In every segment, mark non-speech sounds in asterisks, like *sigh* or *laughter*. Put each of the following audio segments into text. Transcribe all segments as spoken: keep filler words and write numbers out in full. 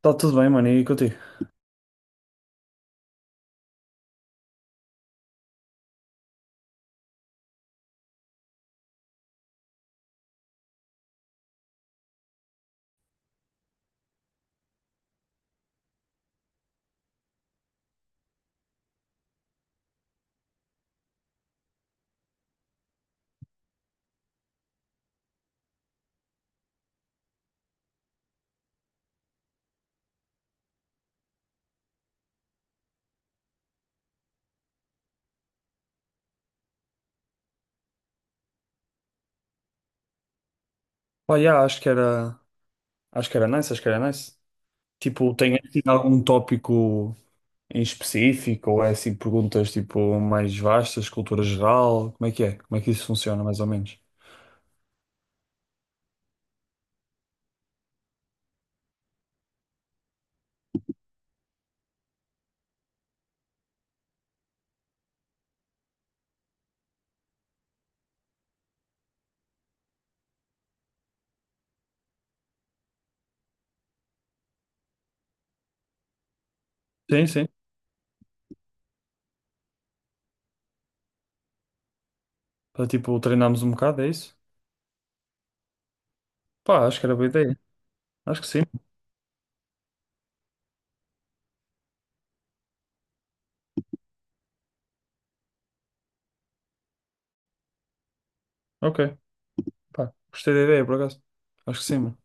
Tá tudo bem, mano, e contigo? Pá, yeah, acho que era, acho que era nice, acho que era nice. Tipo, tem assim algum tópico em específico ou é assim perguntas tipo mais vastas, cultura geral? Como é que é? Como é que isso funciona, mais ou menos? Sim, sim. Para tipo treinarmos um bocado, é isso? Pá, acho que era boa ideia. Acho que sim. Ok. Pá, gostei da ideia, por acaso. Acho que sim, mano.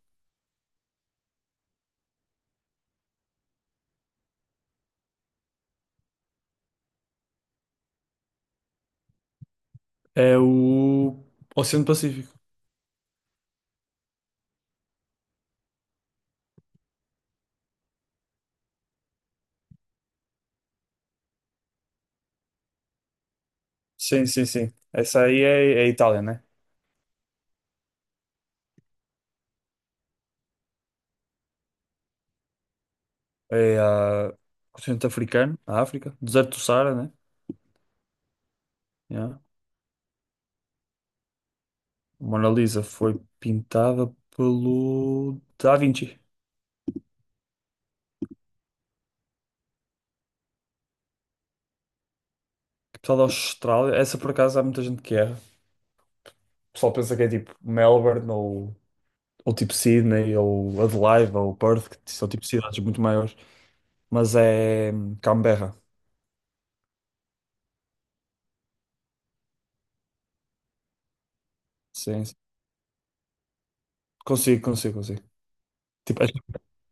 É o Oceano Pacífico. Sim, sim, sim. Essa aí é, é a Itália, né? É a Oceano Africano, a África, deserto do Saara, né? Yeah. A Mona Lisa foi pintada pelo Da Vinci, que pessoal da Austrália. Essa por acaso há muita gente que erra. O pessoal pensa que é tipo Melbourne ou, ou tipo Sydney ou Adelaide ou Perth, que são tipo cidades muito maiores. Mas é hum, Canberra. Sim, sim. Consigo, consigo, consigo. Tipo, acho que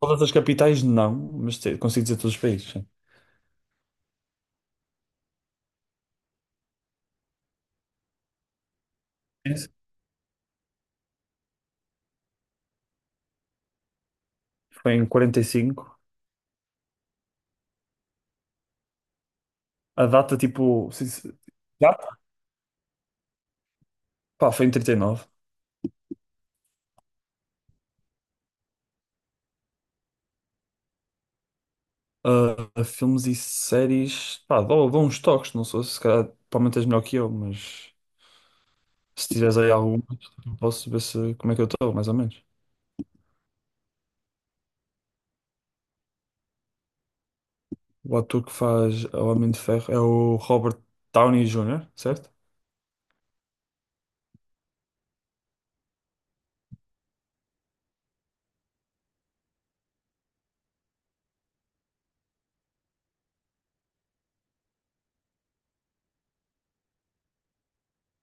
todas as capitais não, mas te- consigo dizer todos os países. Sim. Isso. Foi em quarenta e cinco. A data tipo. se- se- Data? Pá, foi em trinta e nove. Ah, filmes e séries, pá, dou, dou uns toques, não sei se calhar provavelmente és melhor que eu, mas se tiveres aí algum, posso ver se, como é que eu estou, mais ou menos. O ator que faz o Homem de Ferro é o Robert Downey júnior, certo?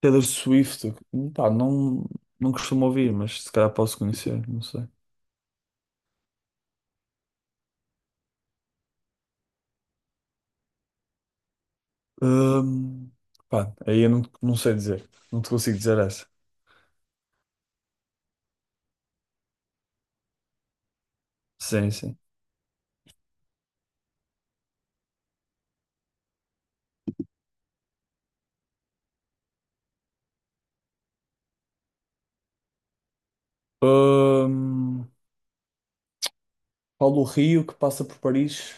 Taylor Swift, pá, não, não costumo ouvir, mas se calhar posso conhecer, não sei. Ahm, pá, aí eu não, não sei dizer, não te consigo dizer essa. Sim, sim. Ahm, Paulo Rio que passa por Paris.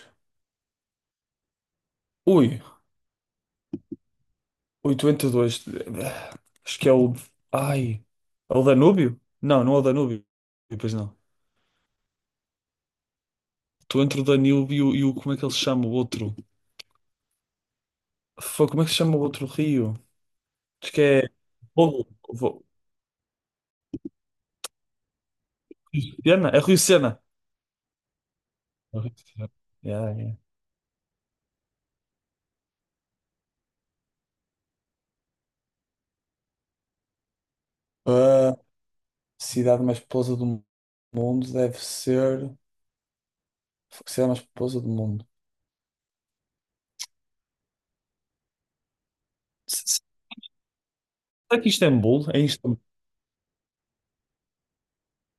Ui, oitocentos e oitenta e dois, acho que é o. Ai. É o Danúbio? Não, não é o Danúbio. Pois não. Estou entre o Danúbio e o. e o- Como é que ele se chama? O outro. Foi, como é que se chama o outro rio? Acho que é. Vo- Vo- Rio Sena? É Rio Sena. É Rio Sena. Yeah, yeah. A cidade mais populosa do mundo deve ser. A cidade mais populosa do mundo. S- s- Será que Istambul? É Istambul?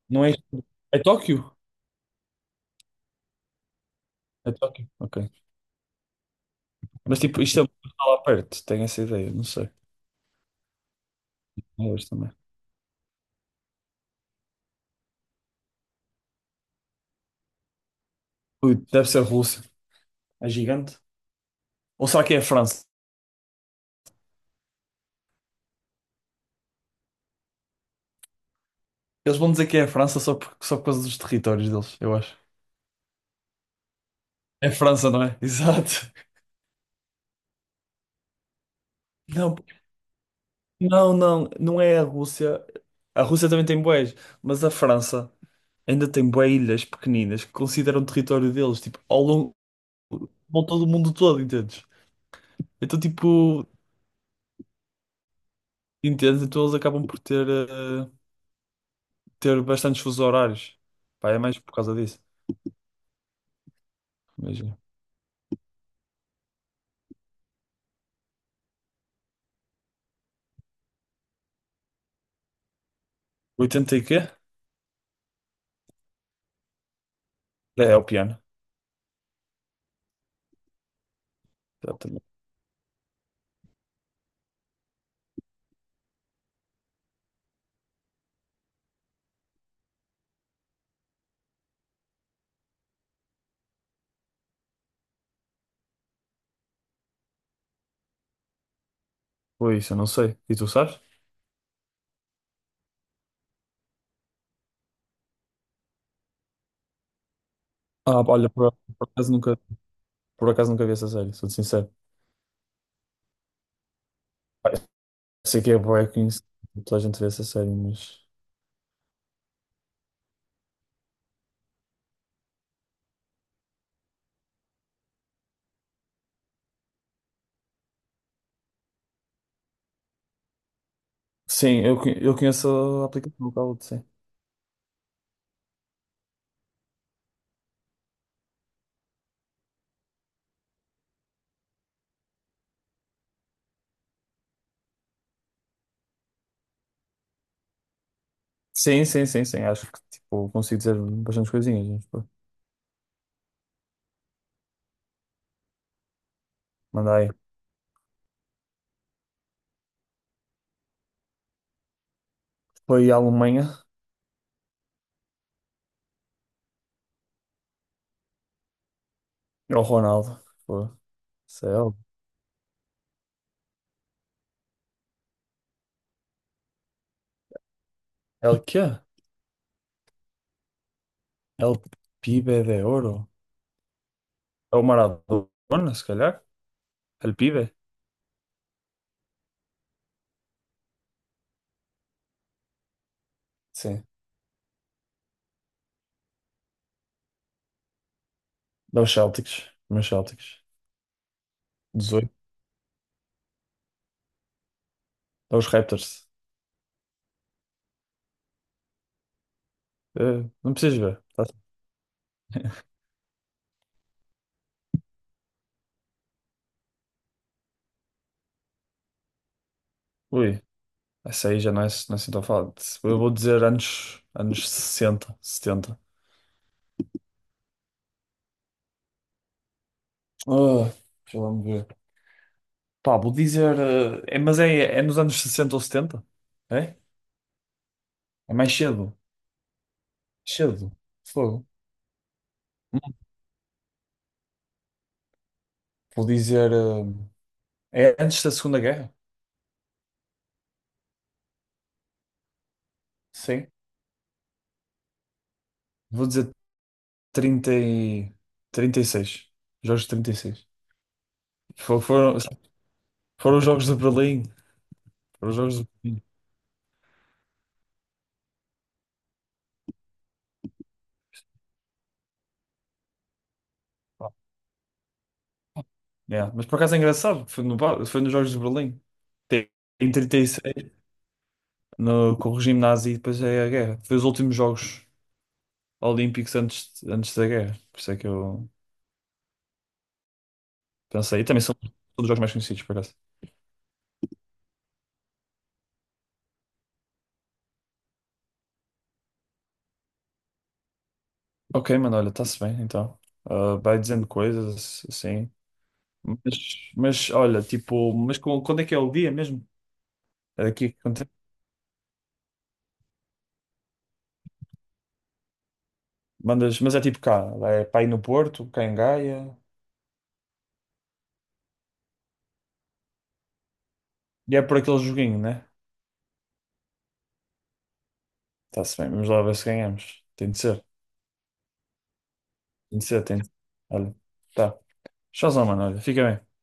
Não é Istambul. É Tóquio? É Tóquio. Ok. Mas tipo, isto é lá perto, tenho essa ideia, não sei. Não vejo também. Ui, deve ser a Rússia, é gigante. Ou será que é a França? Eles vão dizer que é a França só por, só por causa dos territórios deles, eu acho. É França, não é? *laughs* Exato. Não, não, não, não é a Rússia. A Rússia também tem bués, mas a França ainda tem bué ilhas pequeninas que consideram território deles, tipo, ao longo, ao todo o mundo todo, entendes? Então, tipo, entendes? Então eles acabam por ter, eh, ter bastantes fusos horários. Pá, é mais por causa disso. Imagina. Oitenta e quê? É, é o piano. Exatamente. Foi isso, eu não sei. E tu sabes? Ah, olha, por, por acaso nunca, por acaso nunca vi essa série, sou-te sincero. Ah, sei que é bué conhecido, toda a gente vê essa série, mas. Sim, eu, co- eu conheço a aplicação, o Kahoot, sim. Sim, sim, sim, sim. Acho que tipo, consigo dizer bastantes coisinhas. Mas, pô, manda aí. Foi a Alemanha ao Ronaldo. Pô, céu. É o quê? É o Pibe de Ouro. É o Maradona, se calhar. É o Pibe. Sim. Dá os Celtics. Meus Celtics. dezoito. Dá os Raptors. Eh, não precisas ver. Tá? Ui, essa aí já não é, não é assim tão fácil. Eu vou dizer anos, anos sessenta, setenta. Ah, deixa lá me ver. Pá, vou dizer. Eh, é- mas é, é nos anos sessenta ou setenta. É? É mais cedo. Cedo. Fogo. Vou dizer. Eh, é antes da Segunda Guerra? Sim. Vou dizer trinta e... trinta e seis. Jogos de trinta e seis. Fo- Foram, foram os Jogos de Berlim. Foram os Jogos de Berlim. Pá, yeah. Mas por acaso é engraçado. Foi, no, ba- foi nos Jogos de Berlim. Tem- Em trinta e seis, no, com o regime nazi, e depois é a guerra. Foi os últimos Jogos Olímpicos antes, antes da guerra. Por isso é que eu. Pensa aí, também são todos jogos mais conhecidos, por acaso. Ok, mano, olha, está-se bem, então. Ah, vai dizendo coisas, assim. Mas, mas olha, tipo, mas com- quando é que é o dia mesmo? É aqui, que acontece? Mandas, mas é tipo cá, é para ir no Porto, cá em Gaia, e é por aquele joguinho, né? Está-se bem, vamos lá ver se ganhamos. Tem de ser, tem de ser, tem de ser. Olha, tá. Tchauzão, mano, olha, fica bem.